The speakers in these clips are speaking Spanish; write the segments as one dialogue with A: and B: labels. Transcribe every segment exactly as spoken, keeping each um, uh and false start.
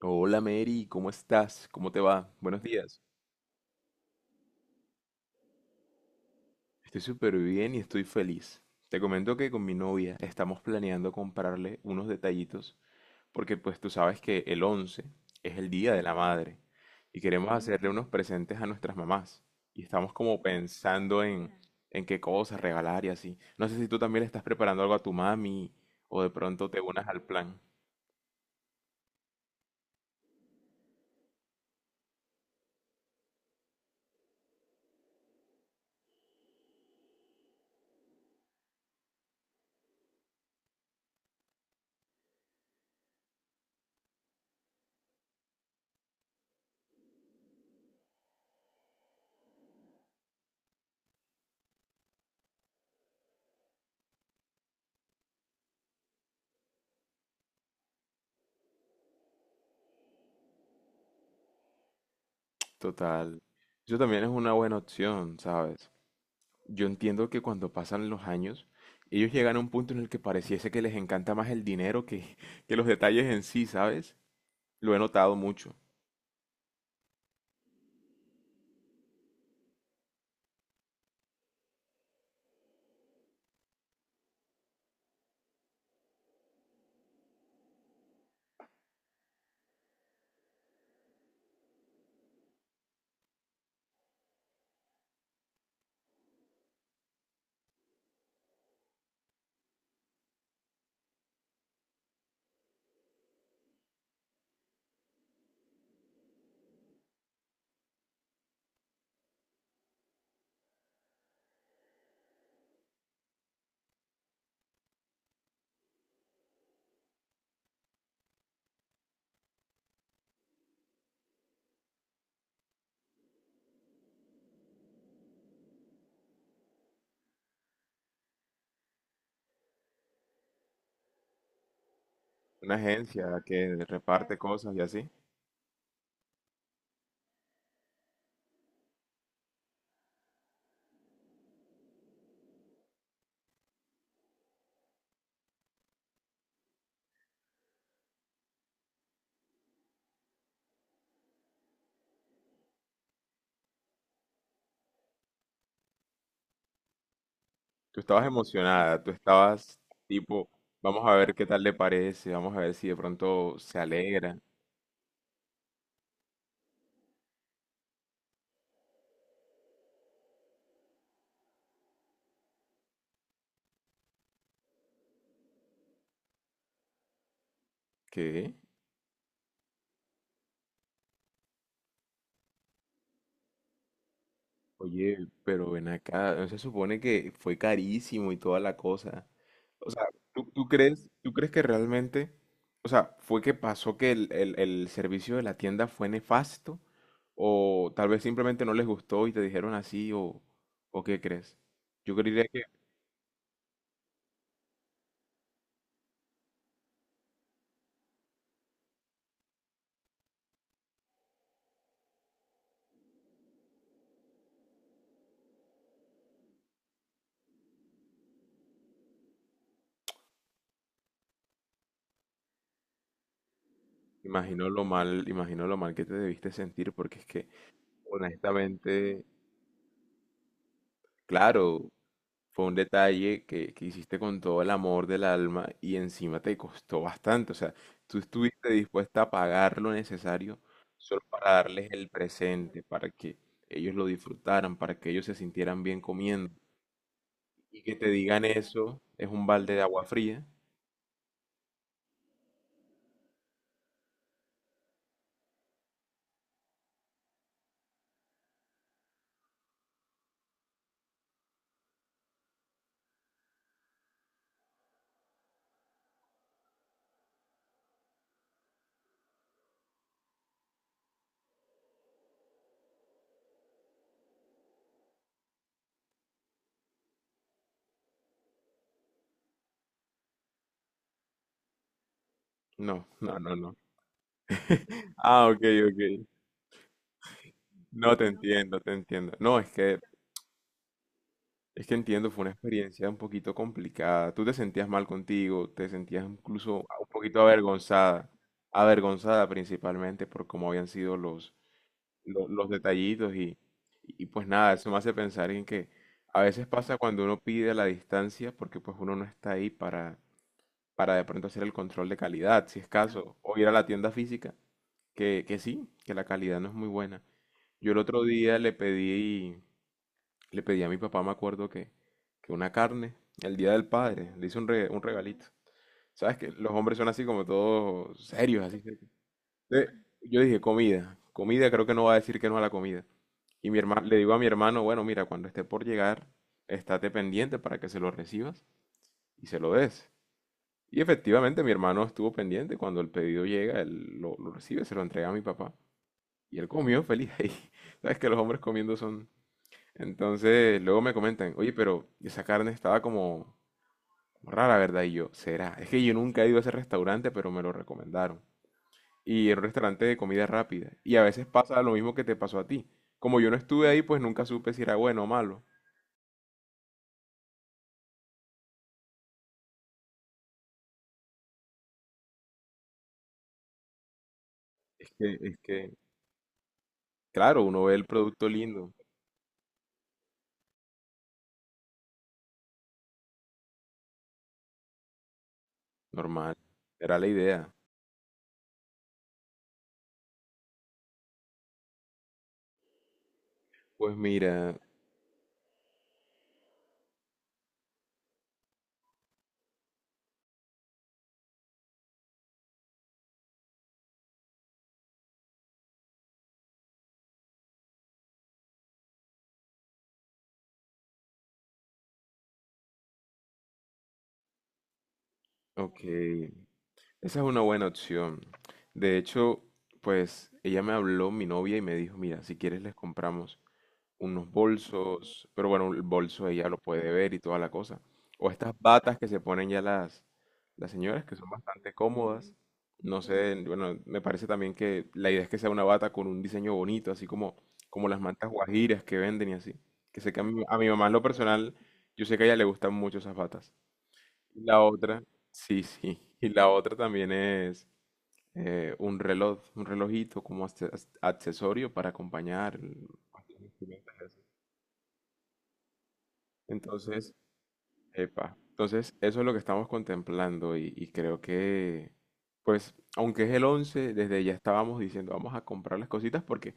A: Hola Mary, ¿cómo estás? ¿Cómo te va? Buenos días. Estoy súper bien y estoy feliz. Te comento que con mi novia estamos planeando comprarle unos detallitos porque pues tú sabes que el once es el Día de la Madre y queremos Ujú. Hacerle unos presentes a nuestras mamás y estamos como pensando en, en qué cosas regalar y así. No sé si tú también le estás preparando algo a tu mami o de pronto te unas al plan. Total. Eso también es una buena opción, ¿sabes? Yo entiendo que cuando pasan los años, ellos llegan a un punto en el que pareciese que les encanta más el dinero que, que los detalles en sí, ¿sabes? Lo he notado mucho. Una agencia que reparte cosas y así. Tú estabas emocionada, tú estabas tipo, vamos a ver qué tal le parece, vamos a ver si de pronto se alegra. ¿Qué? Oye, pero ven acá, ¿no se supone que fue carísimo y toda la cosa? O sea, ¿tú, tú crees, tú crees que realmente, o sea, fue que pasó que el, el- el servicio de la tienda fue nefasto? ¿O tal vez simplemente no les gustó y te dijeron así? ¿O, o qué crees? Yo creería que imagino lo mal, imagino lo mal que te debiste sentir porque es que, honestamente, claro. Fue un detalle que, que hiciste con todo el amor del alma y encima te costó bastante. O sea, tú estuviste dispuesta a pagar lo necesario solo para darles el presente, para que ellos lo disfrutaran, para que ellos se sintieran bien comiendo. Y que te digan eso es un balde de agua fría. No, no, no, no. Ah, ok, ok. No te entiendo, te entiendo. No, es que de Es que entiendo, fue una experiencia un poquito complicada. Tú te sentías mal contigo, te sentías incluso un poquito avergonzada, avergonzada principalmente por cómo habían sido los, lo- los, detallitos y, y pues nada, eso me hace pensar en que a veces pasa cuando uno pide la distancia porque pues uno no está ahí para, para de pronto hacer el control de calidad, si es caso, o ir a la tienda física, que, que sí, que la calidad no es muy buena. Yo el otro día le pedí le pedí a mi papá, me acuerdo que, que una carne, el Día del Padre, le hice un, re- un regalito. ¿Sabes que los hombres son así como todos serios, así? Entonces, yo dije, comida, comida, creo que no va a decir que no a la comida. Y mi hermano, le digo a mi hermano, bueno, mira, cuando esté por llegar, estate pendiente para que se lo recibas y se lo des. Y efectivamente mi hermano estuvo pendiente, cuando el pedido llega, él lo, lo recibe, se lo entrega a mi papá. Y él comió feliz ahí. Sabes que los hombres comiendo son, entonces, luego me comentan, oye, pero esa carne estaba como rara, ¿verdad? Y yo, ¿será? Es que yo nunca he ido a ese restaurante, pero me lo recomendaron. Y era un restaurante de comida rápida. Y a veces pasa lo mismo que te pasó a ti. Como yo no estuve ahí, pues nunca supe si era bueno o malo. Es que, es que, claro, uno ve el producto lindo, normal. Era la idea. Pues mira, ok. Esa es una buena opción. De hecho, pues ella me habló, mi novia, y me dijo, mira, si quieres les compramos unos bolsos, pero bueno, el bolso ella lo puede ver y toda la cosa. O estas batas que se ponen ya las, las señoras, que son bastante cómodas. No sé, bueno, me parece también que la idea es que sea una bata con un diseño bonito, así como, como las mantas guajiras que venden y así. Que sé que a mi, a mi mamá en lo personal, yo sé que a ella le gustan mucho esas batas. Y la otra, sí, sí, y la otra también es eh, un reloj, un relojito como acce- accesorio para acompañar el- Entonces, epa, entonces eso es lo que estamos contemplando y, y creo que, pues, aunque es el once desde ya estábamos diciendo, vamos a comprar las cositas porque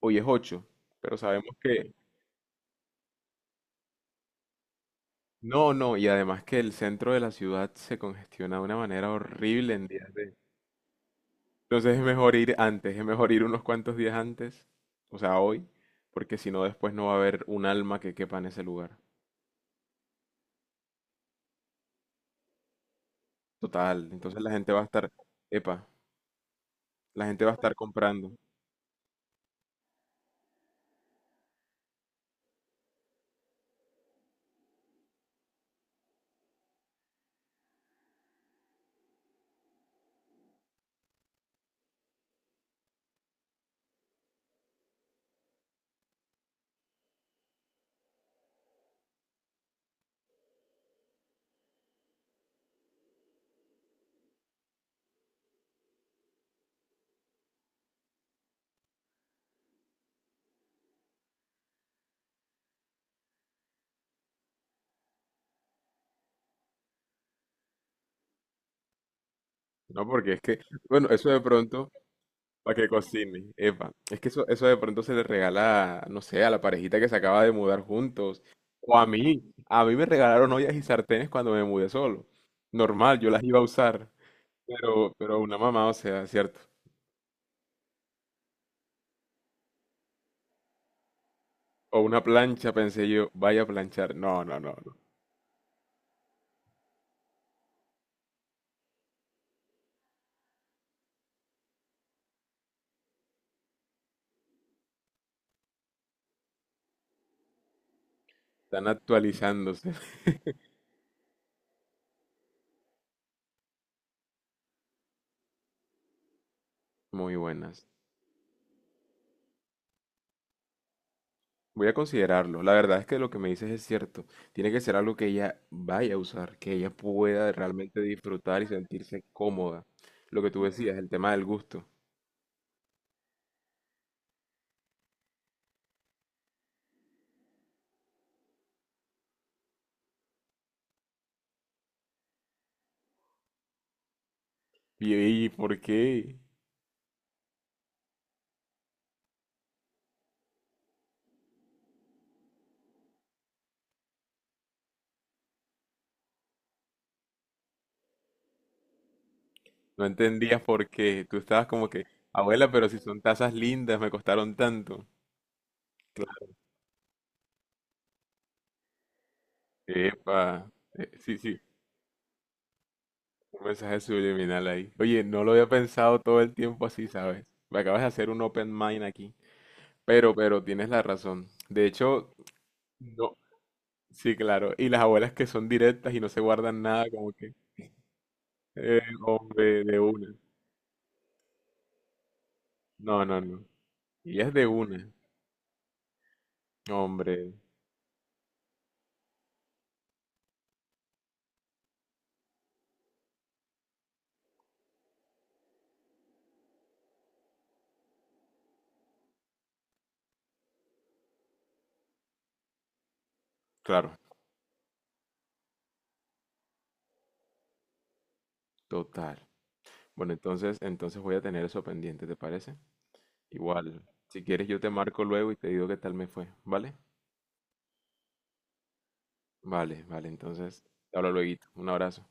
A: hoy es ocho, pero sabemos que no, no, y además que el centro de la ciudad se congestiona de una manera horrible en días de... Entonces es mejor ir antes, es mejor ir unos cuantos días antes, o sea, hoy, porque si no después no va a haber un alma que quepa en ese lugar. Total, entonces la gente va a estar, epa, la gente va a estar comprando. No, porque es que, bueno, eso de pronto, para que cocine, epa, es que eso, eso, de pronto se le regala, no sé, a la parejita que se acaba de mudar juntos, o a mí, a mí me regalaron ollas y sartenes cuando me mudé solo, normal, yo las iba a usar, pero, pero una mamá, o sea, ¿cierto? O una plancha, pensé yo, vaya a planchar, no, no, no, no, están actualizándose, muy buenas. Voy a considerarlo. La verdad es que lo que me dices es cierto. Tiene que ser algo que ella vaya a usar, que ella pueda realmente disfrutar y sentirse cómoda. Lo que tú decías, el tema del gusto. Y, y ¿por qué? No entendías por qué. Tú estabas como que, abuela, pero si son tazas lindas, me costaron tanto. Claro. Epa. Eh, sí, sí. Un mensaje subliminal ahí. Oye, no lo había pensado todo el tiempo así, ¿sabes? Me acabas de hacer un open mind aquí. Pero, pero tienes la razón. De hecho, no, sí, claro. Y las abuelas que son directas y no se guardan nada, como que, eh, hombre, de una. No, no, no. Y es de una. Hombre, claro, total. Bueno, entonces, entonces voy a tener eso pendiente, ¿te parece? Igual, si quieres yo te marco luego y te digo qué tal me fue, ¿vale? Vale, vale, entonces, te hablo luego. Un abrazo.